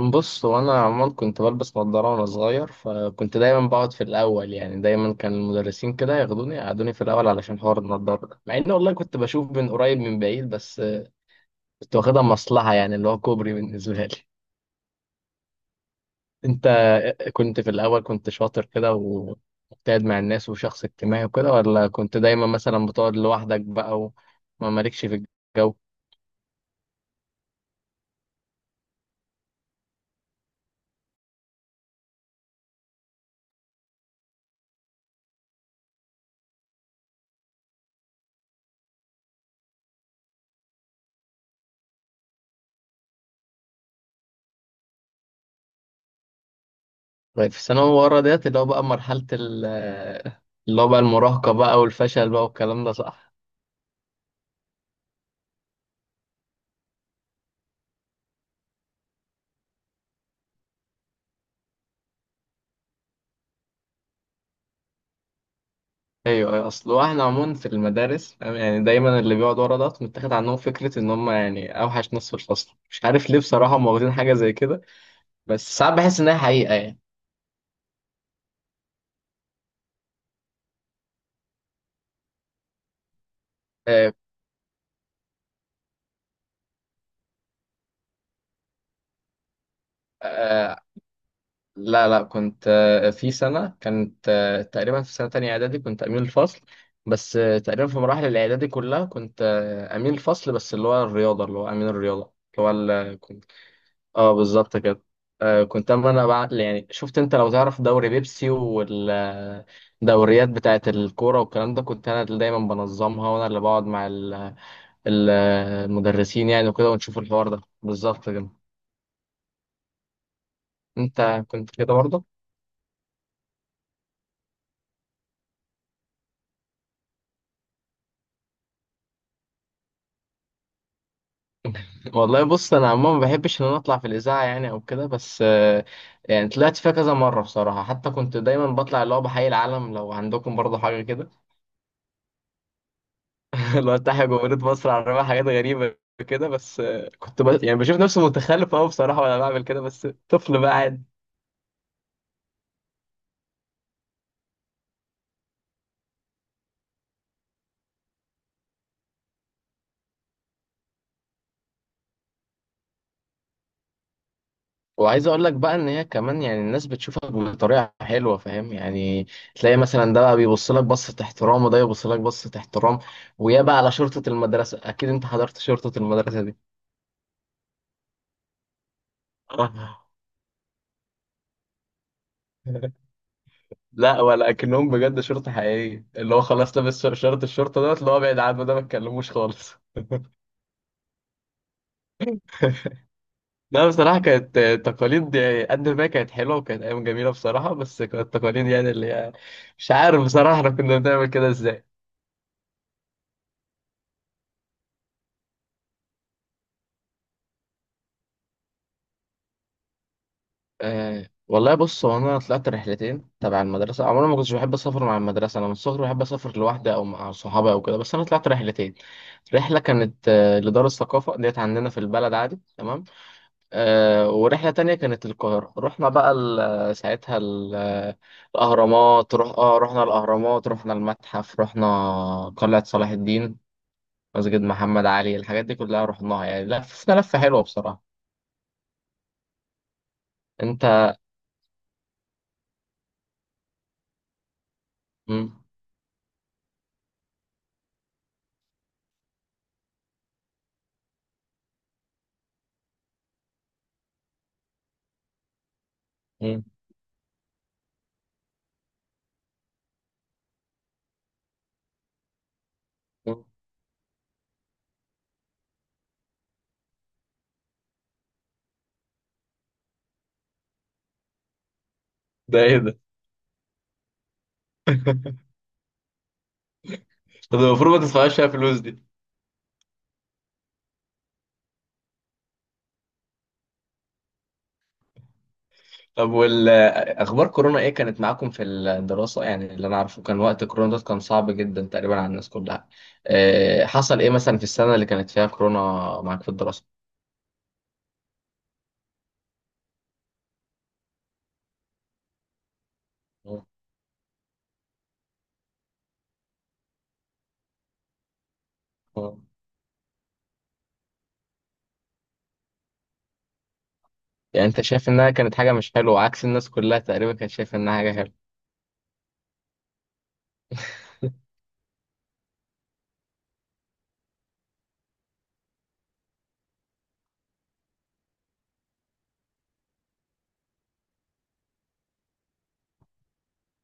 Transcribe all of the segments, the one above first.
بص، هو انا عمال كنت بلبس نظاره وانا صغير، فكنت دايما بقعد في الاول. يعني دايما كان المدرسين كده ياخدوني يقعدوني في الاول علشان حوار النظاره ده، مع ان والله كنت بشوف من قريب من بعيد. بس كنت واخدها مصلحه، يعني اللي هو كوبري بالنسبه لي. انت كنت في الاول كنت شاطر كده ومجتهد مع الناس وشخص اجتماعي وكده، ولا كنت دايما مثلا بتقعد لوحدك بقى وما مالكش في الجو؟ طيب، في الثانوي ورا ديت، اللي هو بقى مرحله اللي هو بقى المراهقه بقى والفشل بقى والكلام ده، صح؟ ايوه، أيوة، اصل احنا عموما في المدارس فاهم، يعني دايما اللي بيقعد ورا ده متاخد عنهم فكره ان هم يعني اوحش ناس في الفصل، مش عارف ليه بصراحه. هم واخدين حاجه زي كده، بس ساعات بحس انها حقيقه يعني. آه. آه. لا لا، كنت في سنه، كانت تقريبا في سنه تانية اعدادي كنت امين الفصل. بس تقريبا في مراحل الاعدادي كلها كنت امين الفصل، بس اللي هو الرياضه، اللي هو امين الرياضه. اللي هو اه، بالظبط كده. كنت، اما انا بقى يعني شفت، انت لو تعرف دوري بيبسي والدوريات بتاعت الكوره والكلام ده، كنت انا اللي دايما بنظمها، وانا اللي بقعد مع المدرسين يعني وكده، ونشوف الحوار ده بالظبط كده. انت كنت كده برضه. والله بص، انا عموما ما بحبش ان انا اطلع في الاذاعه يعني او كده، بس يعني طلعت فيها كذا مره بصراحه. حتى كنت دايما بطلع اللي هو بحيي العالم، لو عندكم برضه حاجه كده، اللي افتح جمهورية مصر على الرماية. حاجات غريبة كده، بس يعني بشوف نفسي متخلف قوي بصراحة وانا بعمل كده، بس طفل بقى عادي. وعايز اقول لك بقى ان هي كمان يعني الناس بتشوفك بطريقة حلوة، فاهم يعني. تلاقي مثلا ده بقى بيبص لك بصة احترام، وده يبص لك بصة احترام. ويا بقى على شرطة المدرسة، اكيد انت حضرت شرطة المدرسة دي. آه. لا، ولا اكنهم بجد شرطة حقيقية، اللي هو خلاص لابس شرط الشرطة دوت، اللي هو ابعد عنه ده ما تكلموش خالص. لا بصراحة كانت تقاليد، قد ما كانت حلوة وكانت أيام جميلة بصراحة، بس كانت تقاليد يعني اللي هي، مش عارف بصراحة احنا كنا بنعمل كده ازاي. أه والله بص، هو أنا طلعت رحلتين تبع المدرسة. عمري ما كنتش بحب أسافر مع المدرسة، أنا من الصغر بحب أسافر لوحدي أو مع صحابي أو كده، بس أنا طلعت رحلتين. رحلة كانت لدار الثقافة ديت عندنا في البلد، عادي تمام. ورحلة تانية كانت القاهرة. رحنا بقى ساعتها الأهرامات. رح... آه رحنا الأهرامات، رحنا المتحف، رحنا قلعة صلاح الدين، مسجد محمد علي، الحاجات دي كلها رحناها يعني. لفنا لفة حلوة بصراحة. أنت. مم. مم. مم. ده إيه ده؟ طب المفروض ما تدفعش فيها فلوس دي. طب، والأخبار، كورونا إيه كانت معاكم في الدراسة؟ يعني اللي أنا عارفه، كان وقت كورونا ده كان صعب جدا تقريبا على الناس كلها. حصل إيه مثلا في السنة اللي كانت فيها كورونا معاك في الدراسة؟ آه. يعني انت شايف انها كانت حاجة مش حلوة، عكس الناس كلها تقريبا كانت شايفة انها حاجة حلوة؟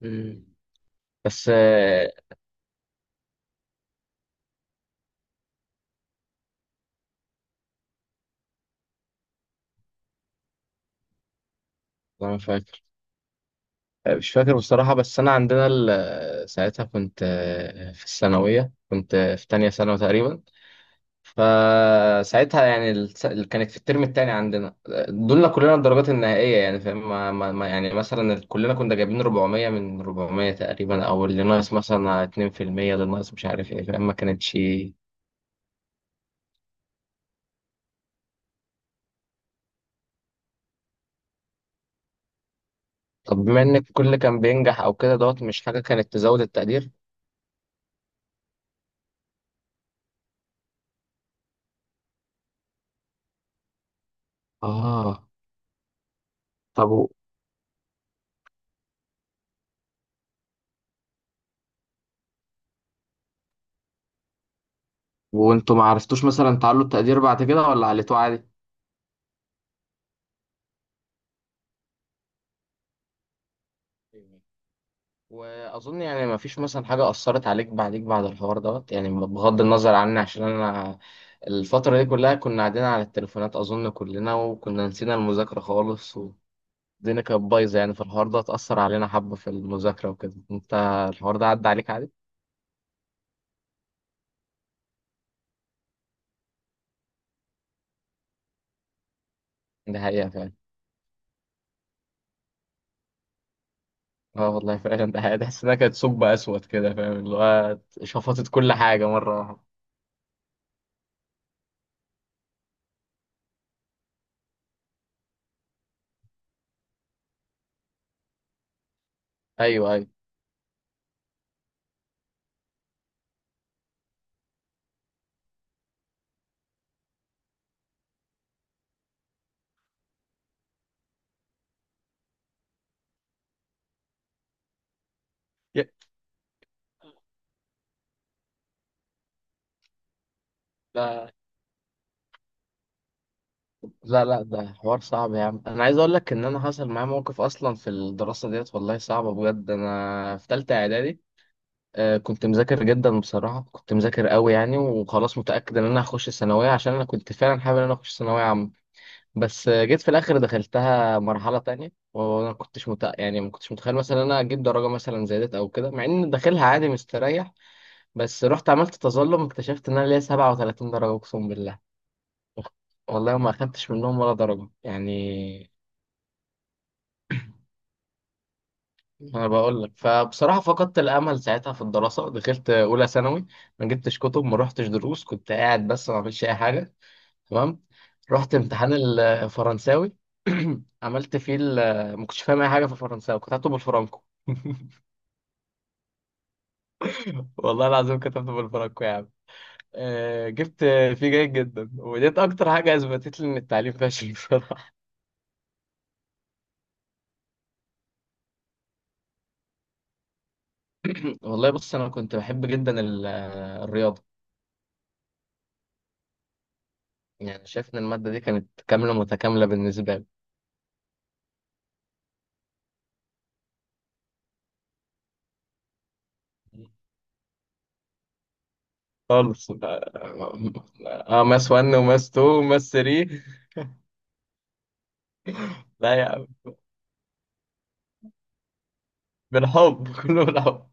مم. بس آه، انا فاكر آه، مش فاكر بصراحة. بس انا عندنا ساعتها كنت في الثانوية، كنت في تانية ثانوي تقريبا. فساعتها يعني اللي كانت في الترم التاني عندنا دولنا كلنا الدرجات النهائية. يعني فاهم، يعني مثلا كلنا كنا جايبين 400 من 400 تقريبا، او اللي ناقص مثلا 2%، اللي ناقص مش عارف ايه، فاهم؟ ما كانتش. طب بما ان الكل كان بينجح او كده دوت، مش حاجه كانت تزود التقدير؟ اه. طب و... وانتوا ما عرفتوش مثلا تعلوا التقدير بعد كده، ولا عليتوه عادي؟ واظن يعني ما فيش مثلا حاجه اثرت عليك بعديك بعد الحوار دوت، يعني بغض النظر عني، عشان انا الفتره دي كلها كنا قاعدين على التليفونات اظن كلنا، وكنا نسينا المذاكره خالص. والدنيا كانت بايظه يعني، فالحوار ده اتاثر علينا حبه في المذاكره وكده. انت الحوار ده عدى عليك عادي؟ ده حقيقه فعلا. اه والله فعلا ده حقيقة. تحس انها كانت ثقب اسود كده، فاهم اللي هو شفطت كل حاجه مره واحده. ايوه، ايوه. ي- لا لا لا، ده حوار صعب يا عم. انا عايز اقول لك ان انا حصل معايا موقف اصلا في الدراسه ديت، والله صعبه بجد. انا في ثالثه اعدادي كنت مذاكر جدا بصراحه، كنت مذاكر قوي يعني، وخلاص متاكد ان انا هخش الثانويه، عشان انا كنت فعلا حابب ان انا اخش ثانويه عامه. بس جيت في الاخر دخلتها مرحله تانية، وانا ما كنتش يعني ما كنتش متخيل مثلا إن انا اجيب درجه مثلا زي ديت او كده، مع ان داخلها عادي مستريح. بس رحت عملت تظلم، اكتشفت ان انا ليا 37 درجة اقسم بالله. والله ما اخدتش منهم ولا درجة يعني. انا بقول لك، فبصراحة فقدت الامل ساعتها في الدراسة. دخلت اولى ثانوي، ما جبتش كتب، ما رحتش دروس، كنت قاعد بس، ما عملتش اي حاجة. تمام. رحت امتحان الفرنساوي. عملت فيه ال- آه، ما كنتش فاهم اي حاجة في الفرنساوي، كنت هكتب بالفرنكو. والله العظيم كتبت بالفرنكو يا عم. جبت فيه جيد جدا، وديت اكتر حاجة اثبتت لي ان التعليم فاشل. بصراحة، والله بص، انا كنت بحب جدا الرياضه. يعني شايف ان الماده دي كانت كامله متكامله بالنسبه لي. خالص. اه، ماس 1 وماس 2 وماس 3. لا يا عم، بالحب كله بالحب.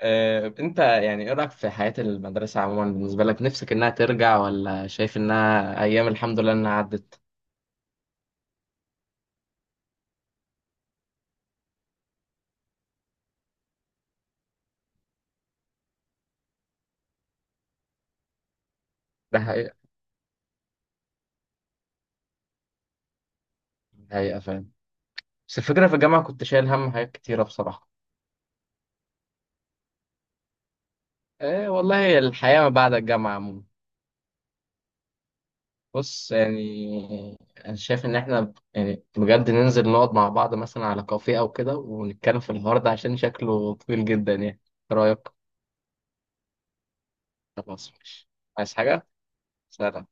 انت يعني ايه رايك في حياه المدرسه عموما بالنسبه لك نفسك، انها ترجع ولا شايف انها ايام الحمد لله انها عدت؟ ده حقيقه. حقيقه فاهم. بس الفكره في الجامعه كنت شايل هم حاجات كتيره بصراحه. والله الحياه ما بعد الجامعه عموما. بص يعني، انا شايف ان احنا يعني بجد ننزل نقعد مع بعض مثلا على كافيه او كده ونتكلم في الحوار ده، عشان شكله طويل جدا يعني. إيه رايك؟ خلاص ماشي. عايز حاجه؟ سلام.